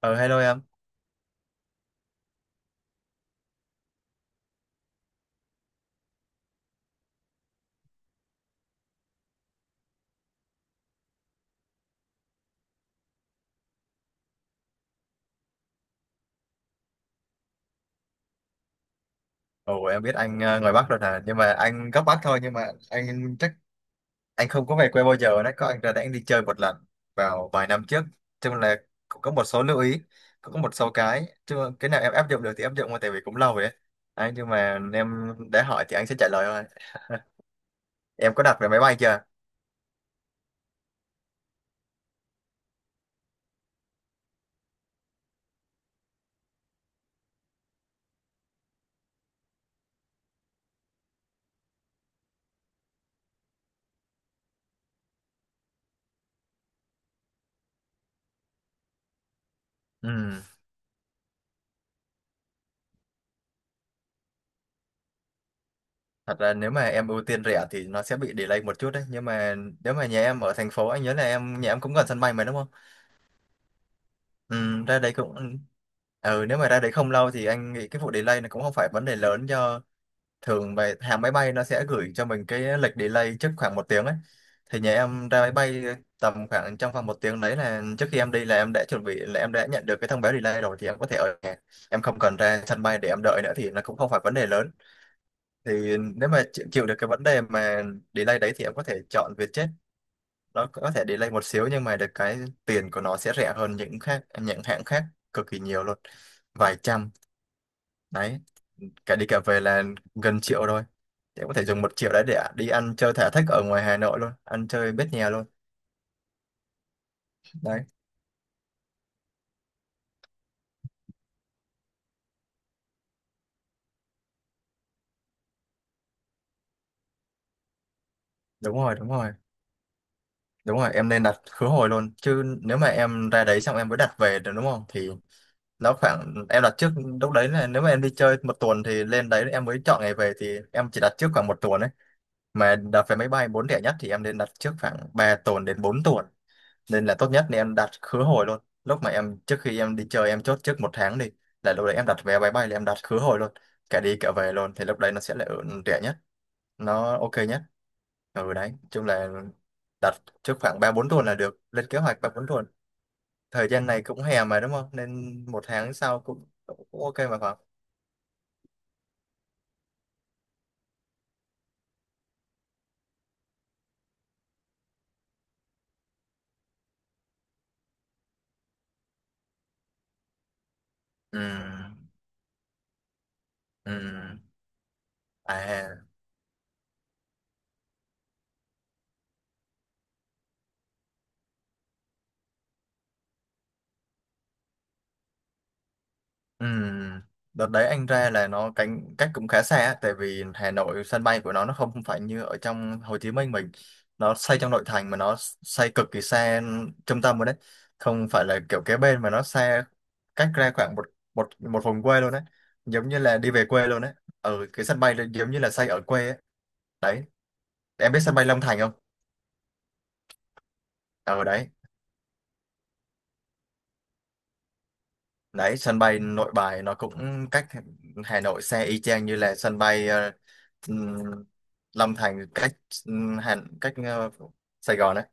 Ờ hello em. Ồ em biết anh ngoài Bắc rồi nè, nhưng mà anh gốc Bắc thôi, nhưng mà anh chắc anh không có về quê bao giờ đấy, có anh ra đây anh đi chơi một lần vào vài năm trước. Chung là cũng có một số lưu ý, cũng có một số cái, chứ cái nào em áp dụng được thì áp dụng, mà tại vì cũng lâu rồi ấy. Đấy, nhưng mà em đã hỏi thì anh sẽ trả lời thôi. Em có đặt vé máy bay chưa? Ừ, thật ra nếu mà em ưu tiên rẻ thì nó sẽ bị delay một chút đấy, nhưng mà nếu mà nhà em ở thành phố, anh nhớ là em nhà em cũng gần sân bay mà đúng không? Ừ, ra đấy cũng nếu mà ra đấy không lâu thì anh nghĩ cái vụ delay nó cũng không phải vấn đề lớn, do thường về hãng máy bay nó sẽ gửi cho mình cái lịch delay trước khoảng một tiếng ấy, thì nhà em ra máy bay tầm khoảng trong vòng một tiếng đấy, là trước khi em đi là em đã chuẩn bị, là em đã nhận được cái thông báo delay rồi thì em có thể ở nhà, em không cần ra sân bay để em đợi nữa, thì nó cũng không phải vấn đề lớn. Thì nếu mà chịu chịu được cái vấn đề mà delay đấy thì em có thể chọn Vietjet. Nó có thể delay một xíu nhưng mà được cái tiền của nó sẽ rẻ hơn những hãng khác cực kỳ nhiều luôn, vài trăm đấy, cả đi cả về là gần triệu thôi, để có thể dùng một triệu đấy để đi ăn chơi thả thích ở ngoài Hà Nội luôn, ăn chơi bết nhè luôn đấy. Đúng rồi, đúng rồi, đúng rồi, em nên đặt khứ hồi luôn, chứ nếu mà em ra đấy xong em mới đặt về được đúng không, thì nó khoảng em đặt trước, lúc đấy là nếu mà em đi chơi một tuần thì lên đấy em mới chọn ngày về, thì em chỉ đặt trước khoảng một tuần ấy, mà đặt vé máy bay 4 thẻ nhất thì em nên đặt trước khoảng 3 tuần đến 4 tuần, nên là tốt nhất nên em đặt khứ hồi luôn. Lúc mà em trước khi em đi chơi em chốt trước một tháng đi, là lúc đấy em đặt vé máy bay là em đặt khứ hồi luôn, cả đi cả về luôn, thì lúc đấy nó sẽ là ở rẻ nhất, nó ok nhất. Ừ, đấy chung là đặt trước khoảng 3 4 tuần là được, lên kế hoạch 3 4 tuần. Thời gian này cũng hè mà đúng không, nên một tháng sau cũng ok mà phải không. Ừ. Ừ. À. Ừ, đợt đấy anh ra là nó cách cũng khá xa á, tại vì Hà Nội sân bay của nó không phải như ở trong Hồ Chí Minh mình, nó xây trong nội thành, mà nó xây cực kỳ xa trung tâm rồi đấy, không phải là kiểu kế bên mà nó xa, cách ra khoảng một một một vùng quê luôn đấy, giống như là đi về quê luôn đấy, ở cái sân bay là giống như là xây ở quê ấy. Đấy, em biết sân bay Long Thành không? Ở đấy. Đấy, sân bay Nội Bài nó cũng cách Hà Nội xe y chang như là sân bay ừm, Long Thành cách ừm, Hà cách ờ, Sài Gòn đấy.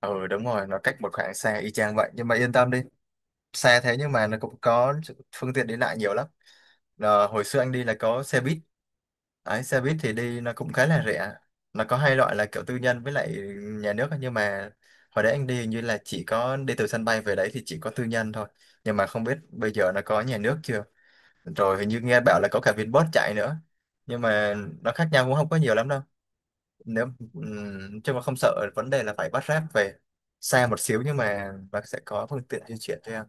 Ừ đúng rồi, nó cách một khoảng xe y chang vậy, nhưng mà yên tâm đi, xe thế nhưng mà nó cũng có phương tiện đi lại nhiều lắm. Hồi xưa anh đi là có xe buýt. Đấy, xe buýt thì đi nó cũng khá là rẻ, nó có hai loại là kiểu tư nhân với lại nhà nước ấy. Nhưng mà hồi đấy anh đi hình như là chỉ có đi từ sân bay về đấy thì chỉ có tư nhân thôi, nhưng mà không biết bây giờ nó có nhà nước chưa, rồi hình như nghe bảo là có cả Vinbus chạy nữa, nhưng mà nó khác nhau cũng không có nhiều lắm đâu. Nếu Chứ mà không sợ vấn đề là phải bắt Grab về, xa một xíu nhưng mà nó sẽ có phương tiện di chuyển cho em.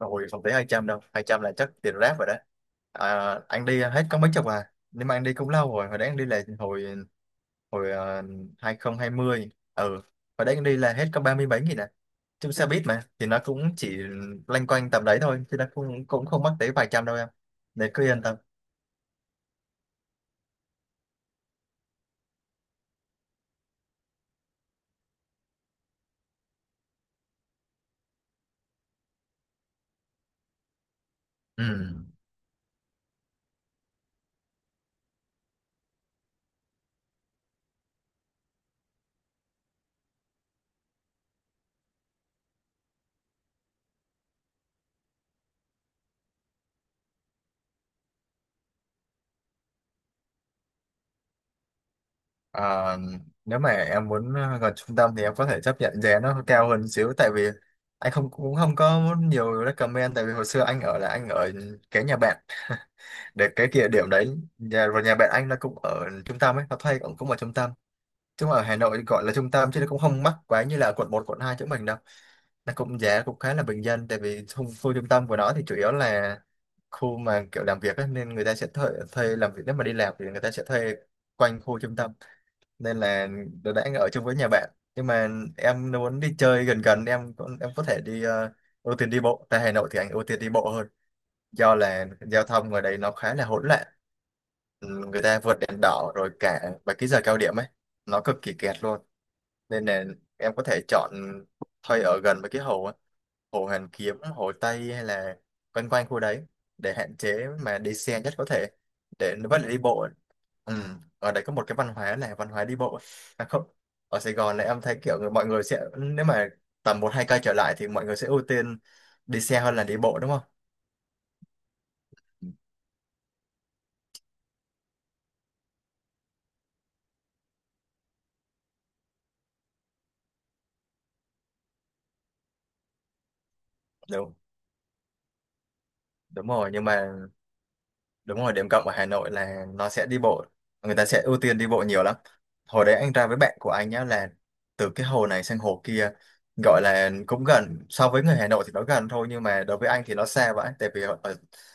Rồi, không thể 200 đâu, 200 là chắc tiền Grab rồi đó. À, anh đi hết có mấy chục à, nhưng mà anh đi cũng lâu rồi, hồi đấy anh đi là hồi hồi ờ, 2020. Ừ, hồi đấy anh đi là hết có 30 mấy nghìn à. Chung xe buýt mà thì nó cũng chỉ loanh quanh tầm đấy thôi, chứ nó cũng cũng không mắc tới vài trăm đâu em, để cứ yên tâm. Ừ. Ờ, Nếu mà em muốn gần trung tâm thì em có thể chấp nhận giá nó cao hơn xíu, tại vì anh không, cũng không có nhiều recommend, tại vì hồi xưa anh ở là anh ở kế nhà bạn, để cái địa điểm đấy, nhà và nhà bạn anh nó cũng ở trung tâm ấy, nó thuê cũng cũng ở trung tâm, chứ mà ở Hà Nội gọi là trung tâm chứ nó cũng không mắc quá như là quận một quận 2 chỗ mình đâu, nó cũng giá cũng khá là bình dân, tại vì khu trung tâm của nó thì chủ yếu là khu mà kiểu làm việc ấy, nên người ta sẽ thuê làm việc, nếu mà đi làm thì người ta sẽ thuê quanh khu trung tâm, nên là đỡ đã ở chung với nhà bạn. Nhưng mà em nếu muốn đi chơi gần gần, em có thể đi ưu tiên đi bộ, tại Hà Nội thì anh ưu tiên đi bộ hơn, do là giao thông ngoài đấy nó khá là hỗn loạn. Ừ, người ta vượt đèn đỏ rồi cả và cái giờ cao điểm ấy nó cực kỳ kẹt luôn, nên là em có thể chọn thuê ở gần với cái hồ á, hồ Hoàn Kiếm, hồ Tây hay là quanh quanh khu đấy, để hạn chế mà đi xe nhất có thể, để nó vẫn là đi bộ. Ừ. Ở đây có một cái văn hóa là văn hóa đi bộ. À, không, ở Sài Gòn này em thấy kiểu mọi người sẽ, nếu mà tầm một hai cây trở lại thì mọi người sẽ ưu tiên đi xe hơn là đi bộ đúng không. Đúng, đúng rồi, nhưng mà đúng rồi, điểm cộng ở Hà Nội là nó sẽ đi bộ, người ta sẽ ưu tiên đi bộ nhiều lắm. Hồi đấy anh ra với bạn của anh nhá, là từ cái hồ này sang hồ kia, gọi là cũng gần so với người Hà Nội thì nó gần thôi, nhưng mà đối với anh thì nó xa vậy, tại vì ở, ở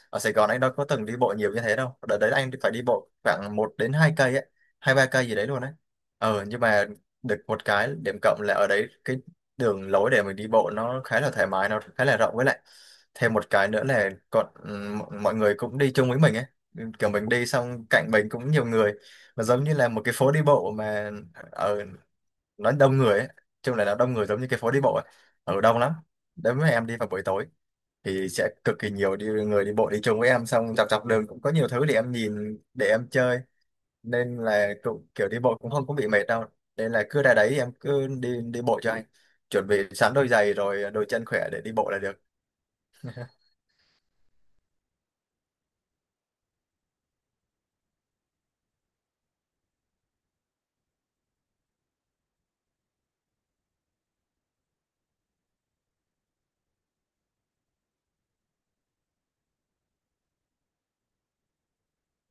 ở Sài Gòn anh đâu có từng đi bộ nhiều như thế đâu, đợt đấy anh phải đi bộ khoảng một đến hai cây ấy, hai ba cây gì đấy luôn đấy. Nhưng mà được một cái điểm cộng là ở đấy cái đường lối để mình đi bộ nó khá là thoải mái, nó khá là rộng, với lại thêm một cái nữa là còn mọi người cũng đi chung với mình ấy, kiểu mình đi xong cạnh mình cũng nhiều người, mà giống như là một cái phố đi bộ mà, ở nó đông người ấy. Chung là nó đông người giống như cái phố đi bộ ấy. Ở đông lắm đấy, mà em đi vào buổi tối thì sẽ cực kỳ nhiều đi người đi bộ đi chung với em. Xong dọc dọc đường cũng có nhiều thứ để em nhìn, để em chơi, nên là cũng kiểu đi bộ cũng không có bị mệt đâu. Nên là cứ ra đấy em cứ đi đi bộ cho anh, chuẩn bị sẵn đôi giày rồi đôi chân khỏe để đi bộ là được.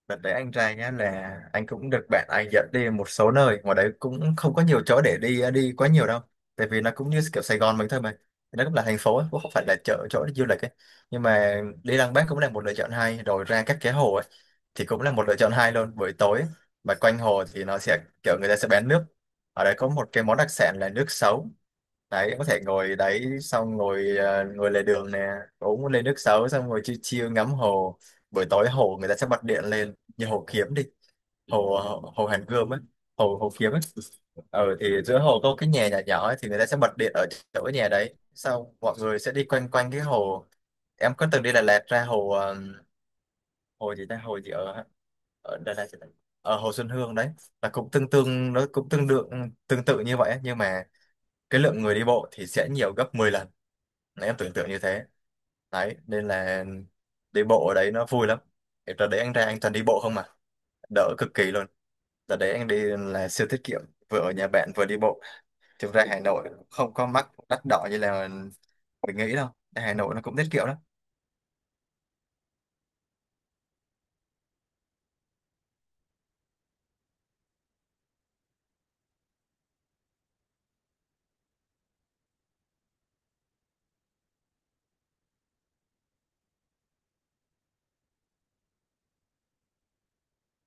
Đợt đấy anh trai nhá, là anh cũng được bạn anh dẫn đi một số nơi, ngoài đấy cũng không có nhiều chỗ để đi, đi quá nhiều đâu, tại vì nó cũng như kiểu Sài Gòn mình thôi mà, nó cũng là thành phố ấy, cũng không phải là chợ chỗ để du lịch ấy. Nhưng mà đi Lăng Bác cũng là một lựa chọn hay, rồi ra các cái hồ ấy thì cũng là một lựa chọn hay luôn. Buổi tối mà quanh hồ thì nó sẽ kiểu người ta sẽ bán nước, ở đấy có một cái món đặc sản là nước sấu đấy. Có thể ngồi đấy, xong ngồi ngồi lề đường nè, uống một ly nước sấu, xong ngồi chill chill ngắm hồ. Buổi tối hồ người ta sẽ bật điện lên, như hồ Kiếm đi, hồ hồ, hồ Hàn Gươm á, hồ hồ Kiếm á. Ờ thì giữa hồ có cái nhà nhỏ nhỏ ấy, thì người ta sẽ bật điện ở chỗ cái nhà đấy, sau mọi người sẽ đi quanh quanh cái hồ. Em có từng đi Đà Lạt ra hồ hồ gì ta, hồ gì ở ở Đà Lạt, ở Hồ Xuân Hương đấy, là cũng tương tương nó cũng tương đương, tương tự như vậy ấy, nhưng mà cái lượng người đi bộ thì sẽ nhiều gấp 10 lần. Đấy, em tưởng tượng như thế. Đấy nên là đi bộ ở đấy nó vui lắm. Thì đợt đấy anh ra anh toàn đi bộ không, mà đỡ cực kỳ luôn. Đợt đấy anh đi là siêu tiết kiệm, vừa ở nhà bạn vừa đi bộ. Thực ra Hà Nội không có mắc đắt đỏ như là mình nghĩ đâu, Hà Nội nó cũng tiết kiệm lắm.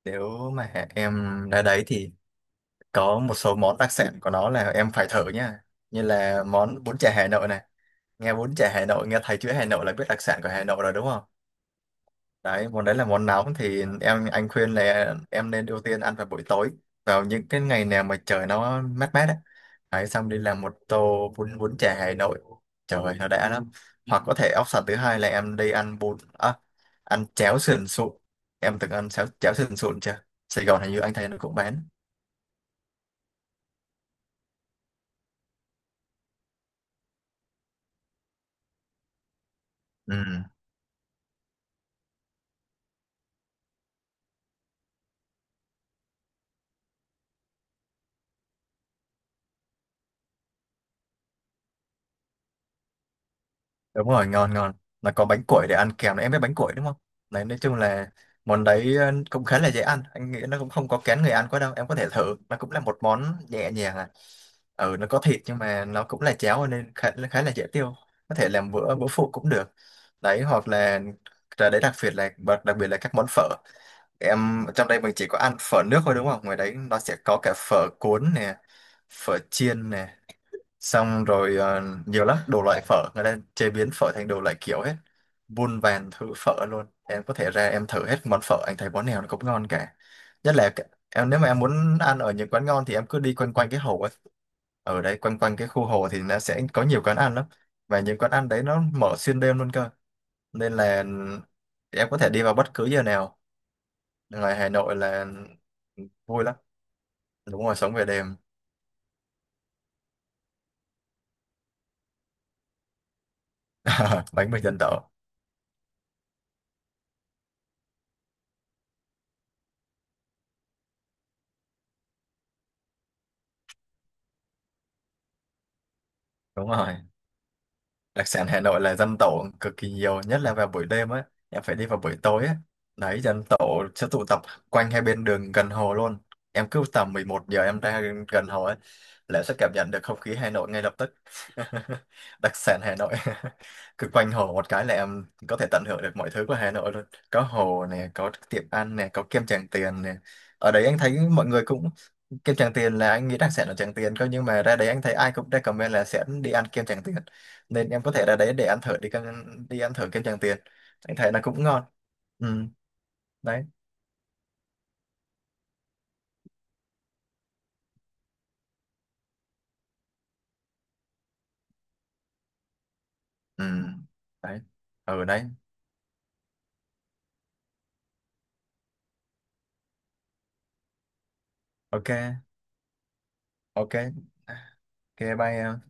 Nếu mà em ra đấy thì có một số món đặc sản của nó là em phải thử nha, như là món bún chả Hà Nội này. Nghe bún chả Hà Nội, nghe thấy chữ Hà Nội là biết đặc sản của Hà Nội rồi đúng không. Đấy, món đấy là món nóng, thì em anh khuyên là em nên ưu tiên ăn vào buổi tối, vào những cái ngày nào mà trời nó mát mát ấy. Đấy xong đi làm một tô bún bún chả Hà Nội, trời ơi, nó đã lắm. Hoặc có thể option thứ hai là em đi ăn bún à, ăn cháo sườn sụn. Em từng ăn cháo cháo sườn sụn chưa? Sài Gòn hình như anh thấy nó cũng bán. Ừ. Đúng rồi, ngon ngon. Là có bánh củi để ăn kèm, em biết bánh củi đúng không? Đấy, nói chung là món đấy cũng khá là dễ ăn. Anh nghĩ nó cũng không có kén người ăn quá đâu. Em có thể thử. Nó cũng là một món nhẹ nhàng à. Ừ, nó có thịt nhưng mà nó cũng là cháo nên khá, khá là dễ tiêu. Có thể làm bữa bữa phụ cũng được. Đấy, hoặc là rồi đấy, đặc biệt là đặc biệt là các món phở. Em trong đây mình chỉ có ăn phở nước thôi đúng không? Ngoài đấy nó sẽ có cả phở cuốn nè, phở chiên nè, xong rồi nhiều lắm đồ loại phở, người ta chế biến phở thành đồ loại kiểu hết, muôn vàn thứ phở luôn. Em có thể ra em thử hết món phở, anh thấy món nào nó cũng ngon cả. Nhất là em nếu mà em muốn ăn ở những quán ngon thì em cứ đi quanh quanh cái hồ ấy. Ở đây quanh quanh cái khu hồ thì nó sẽ có nhiều quán ăn lắm, và những quán ăn đấy nó mở xuyên đêm luôn cơ, nên là em có thể đi vào bất cứ giờ nào. Ngoài Hà Nội là vui lắm. Đúng rồi, sống về đêm. Bánh mì dân tộc. Đúng rồi, đặc sản Hà Nội là dăm tổ cực kỳ nhiều, nhất là vào buổi đêm á, em phải đi vào buổi tối á. Đấy, dăm tổ sẽ tụ tập quanh hai bên đường gần hồ luôn. Em cứ tầm 11 giờ em ra gần hồ ấy là sẽ cảm nhận được không khí Hà Nội ngay lập tức. Đặc sản Hà Nội. Cứ quanh hồ một cái là em có thể tận hưởng được mọi thứ của Hà Nội luôn. Có hồ nè, có tiệm ăn nè, có kem Tràng Tiền nè. Ở đấy anh thấy mọi người cũng, kem Tràng Tiền là anh nghĩ rằng sẽ là Tràng Tiền cơ, nhưng mà ra đấy anh thấy ai cũng recommend là sẽ đi ăn kem Tràng Tiền, nên em có thể ra đấy để ăn thử đi kem, đi ăn thử kem Tràng Tiền. Anh thấy nó cũng ngon. Ừ. Đấy. Ừ. Đấy. Ừ. Đấy. Ok. Ok. Ok, bye em.